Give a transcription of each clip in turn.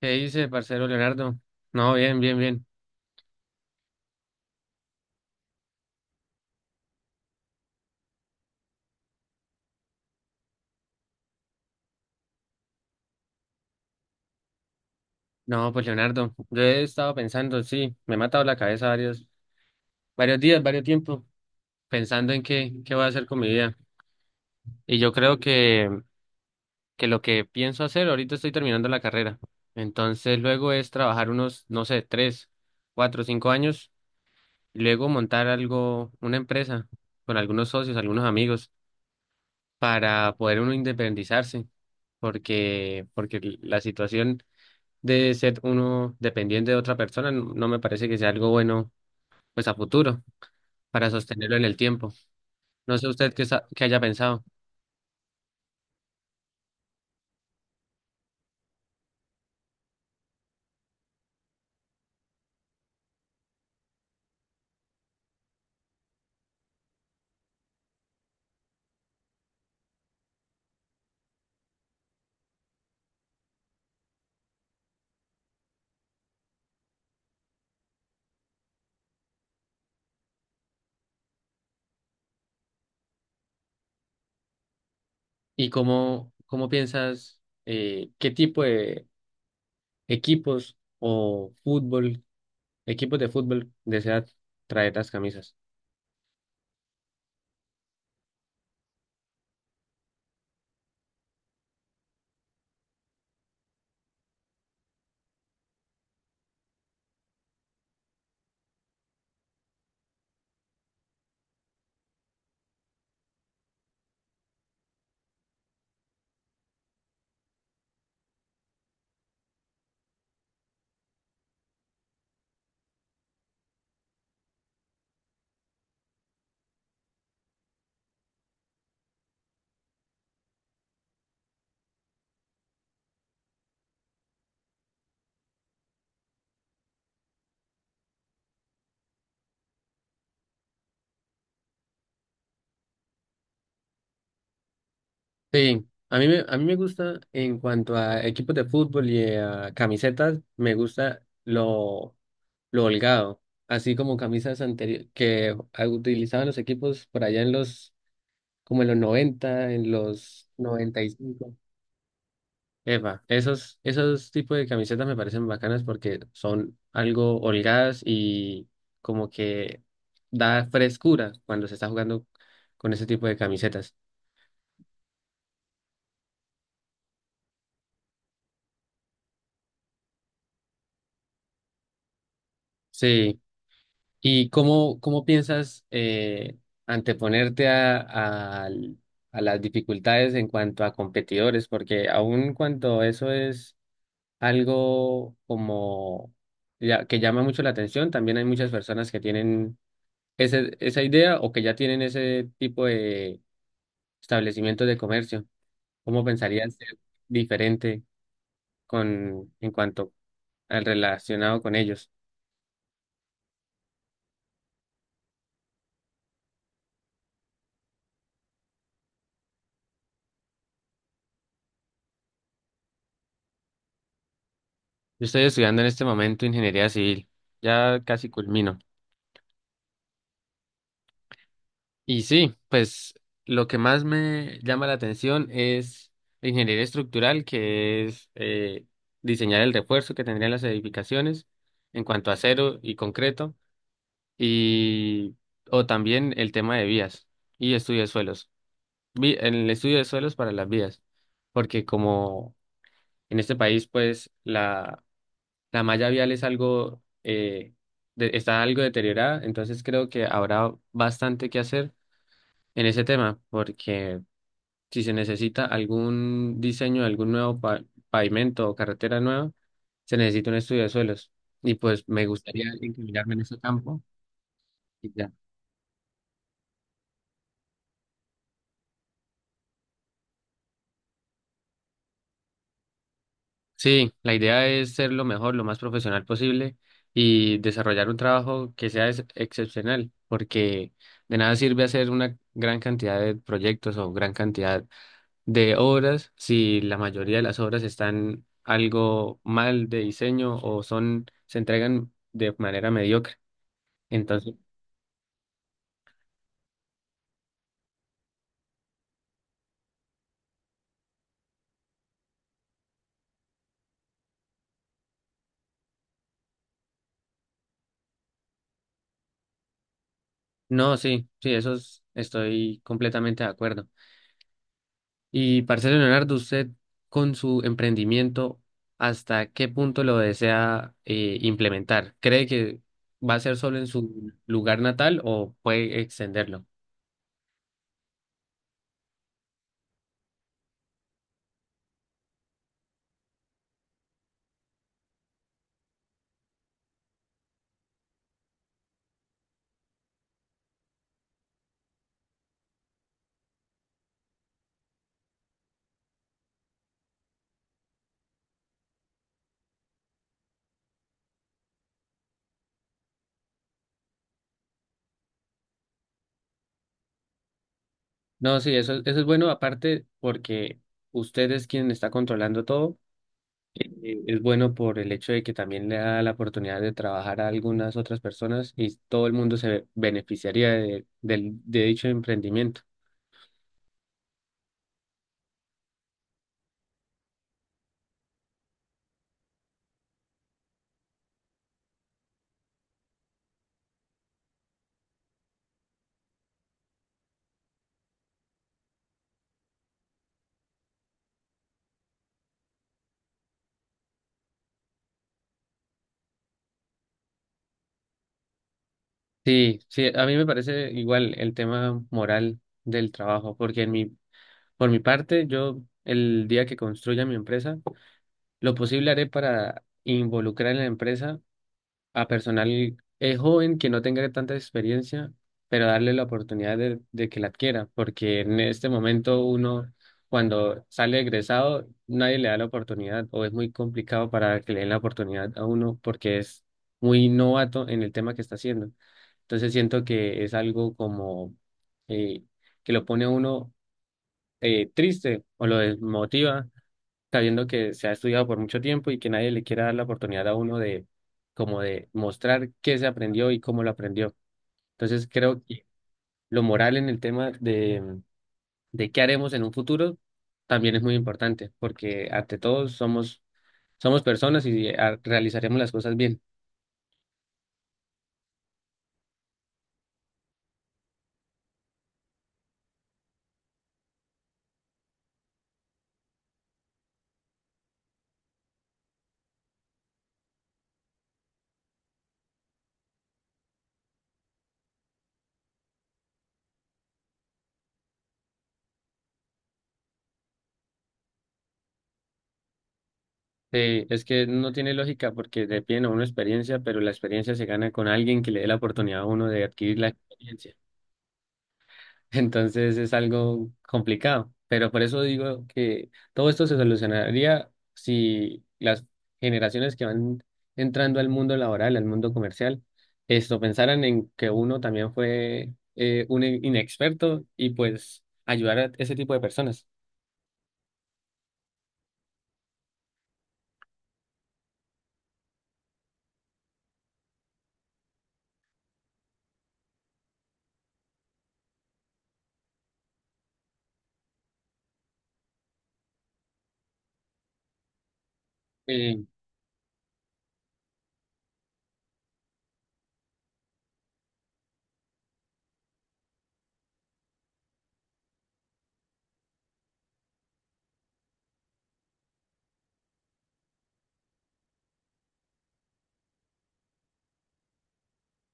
¿Qué dice, parcero Leonardo? No, bien, bien, bien. No, pues Leonardo, yo he estado pensando, sí, me he matado la cabeza varios días, varios tiempos, pensando en qué voy a hacer con mi vida. Y yo creo que lo que pienso hacer, ahorita estoy terminando la carrera. Entonces luego es trabajar unos, no sé, 3, 4, 5 años, y luego montar algo, una empresa con algunos socios, algunos amigos, para poder uno independizarse, porque la situación de ser uno dependiente de otra persona, no me parece que sea algo bueno, pues a futuro, para sostenerlo en el tiempo. No sé usted qué, qué haya pensado y cómo piensas, qué tipo de equipos o fútbol, equipos de fútbol desea traer las camisas. Sí, a mí me gusta en cuanto a equipos de fútbol y a camisetas, me gusta lo holgado. Así como camisas anteriores que utilizaban los equipos por allá en los como en los 95. Eva esos tipos de camisetas me parecen bacanas porque son algo holgadas y como que da frescura cuando se está jugando con ese tipo de camisetas. Sí. ¿Y cómo piensas anteponerte a las dificultades en cuanto a competidores? Porque aun cuando eso es algo como ya, que llama mucho la atención. También hay muchas personas que tienen ese, esa idea o que ya tienen ese tipo de establecimientos de comercio. ¿Cómo pensarías ser diferente en cuanto al relacionado con ellos? Yo estoy estudiando en este momento ingeniería civil, ya casi culmino. Y sí, pues lo que más me llama la atención es la ingeniería estructural, que es diseñar el refuerzo que tendrían las edificaciones en cuanto a acero y concreto, y o también el tema de vías y estudio de suelos. En el estudio de suelos para las vías, porque como en este país, pues la malla vial es algo, está algo deteriorada, entonces creo que habrá bastante que hacer en ese tema, porque si se necesita algún diseño de algún nuevo pavimento o carretera nueva, se necesita un estudio de suelos. Y pues me gustaría encaminarme en ese campo y ya. Sí, la idea es ser lo mejor, lo más profesional posible y desarrollar un trabajo que sea excepcional, porque de nada sirve hacer una gran cantidad de proyectos o gran cantidad de obras si la mayoría de las obras están algo mal de diseño o son se entregan de manera mediocre. Entonces, no, sí, sí, estoy completamente de acuerdo. Y, parcero Leonardo, usted con su emprendimiento, ¿hasta qué punto lo desea implementar? ¿Cree que va a ser solo en su lugar natal o puede extenderlo? No, sí, eso es bueno, aparte porque usted es quien está controlando todo. Es bueno por el hecho de que también le da la oportunidad de trabajar a algunas otras personas y todo el mundo se beneficiaría de dicho emprendimiento. Sí, sí, a mí me parece igual el tema moral del trabajo, porque por mi parte, yo el día que construya mi empresa, lo posible haré para involucrar en la empresa a personal joven que no tenga tanta experiencia, pero darle la oportunidad de que la adquiera, porque en este momento uno, cuando sale egresado, nadie le da la oportunidad o es muy complicado para que le den la oportunidad a uno porque es muy novato en el tema que está haciendo. Entonces siento que es algo como eh, que lo pone a uno triste o lo desmotiva, sabiendo que se ha estudiado por mucho tiempo y que nadie le quiera dar la oportunidad a uno de como de mostrar qué se aprendió y cómo lo aprendió. Entonces creo que lo moral en el tema de qué haremos en un futuro también es muy importante, porque ante todo somos personas y realizaremos las cosas bien. Sí, es que no tiene lógica porque le piden a uno experiencia, pero la experiencia se gana con alguien que le dé la oportunidad a uno de adquirir la experiencia. Entonces es algo complicado, pero por eso digo que todo esto se solucionaría si las generaciones que van entrando al mundo laboral, al mundo comercial, esto pensaran en que uno también fue un inexperto y pues ayudar a ese tipo de personas. Eh,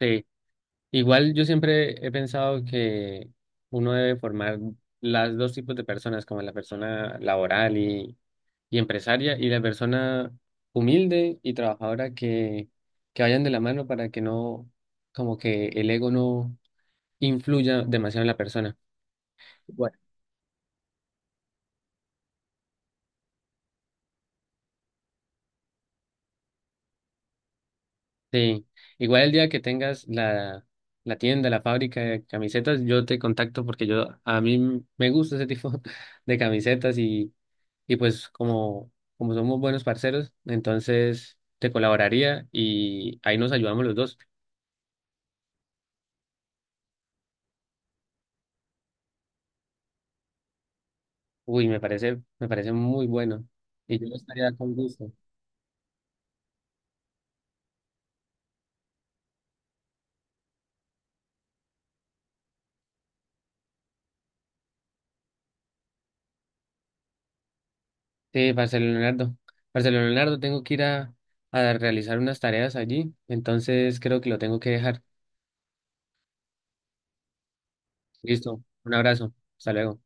Sí, igual yo siempre he pensado que uno debe formar las dos tipos de personas, como la persona laboral y empresaria y la persona humilde y trabajadora que vayan de la mano para que no, como que el ego no influya demasiado en la persona. Bueno, sí, igual el día que tengas la tienda, la fábrica de camisetas, yo te contacto porque yo a mí me gusta ese tipo de camisetas y. Y pues como somos buenos parceros, entonces te colaboraría y ahí nos ayudamos los dos. Uy, me parece muy bueno. Y yo estaría con gusto. Sí, Marcelo Leonardo. Marcelo Leonardo, tengo que ir a realizar unas tareas allí, entonces creo que lo tengo que dejar. Listo, un abrazo. Hasta luego.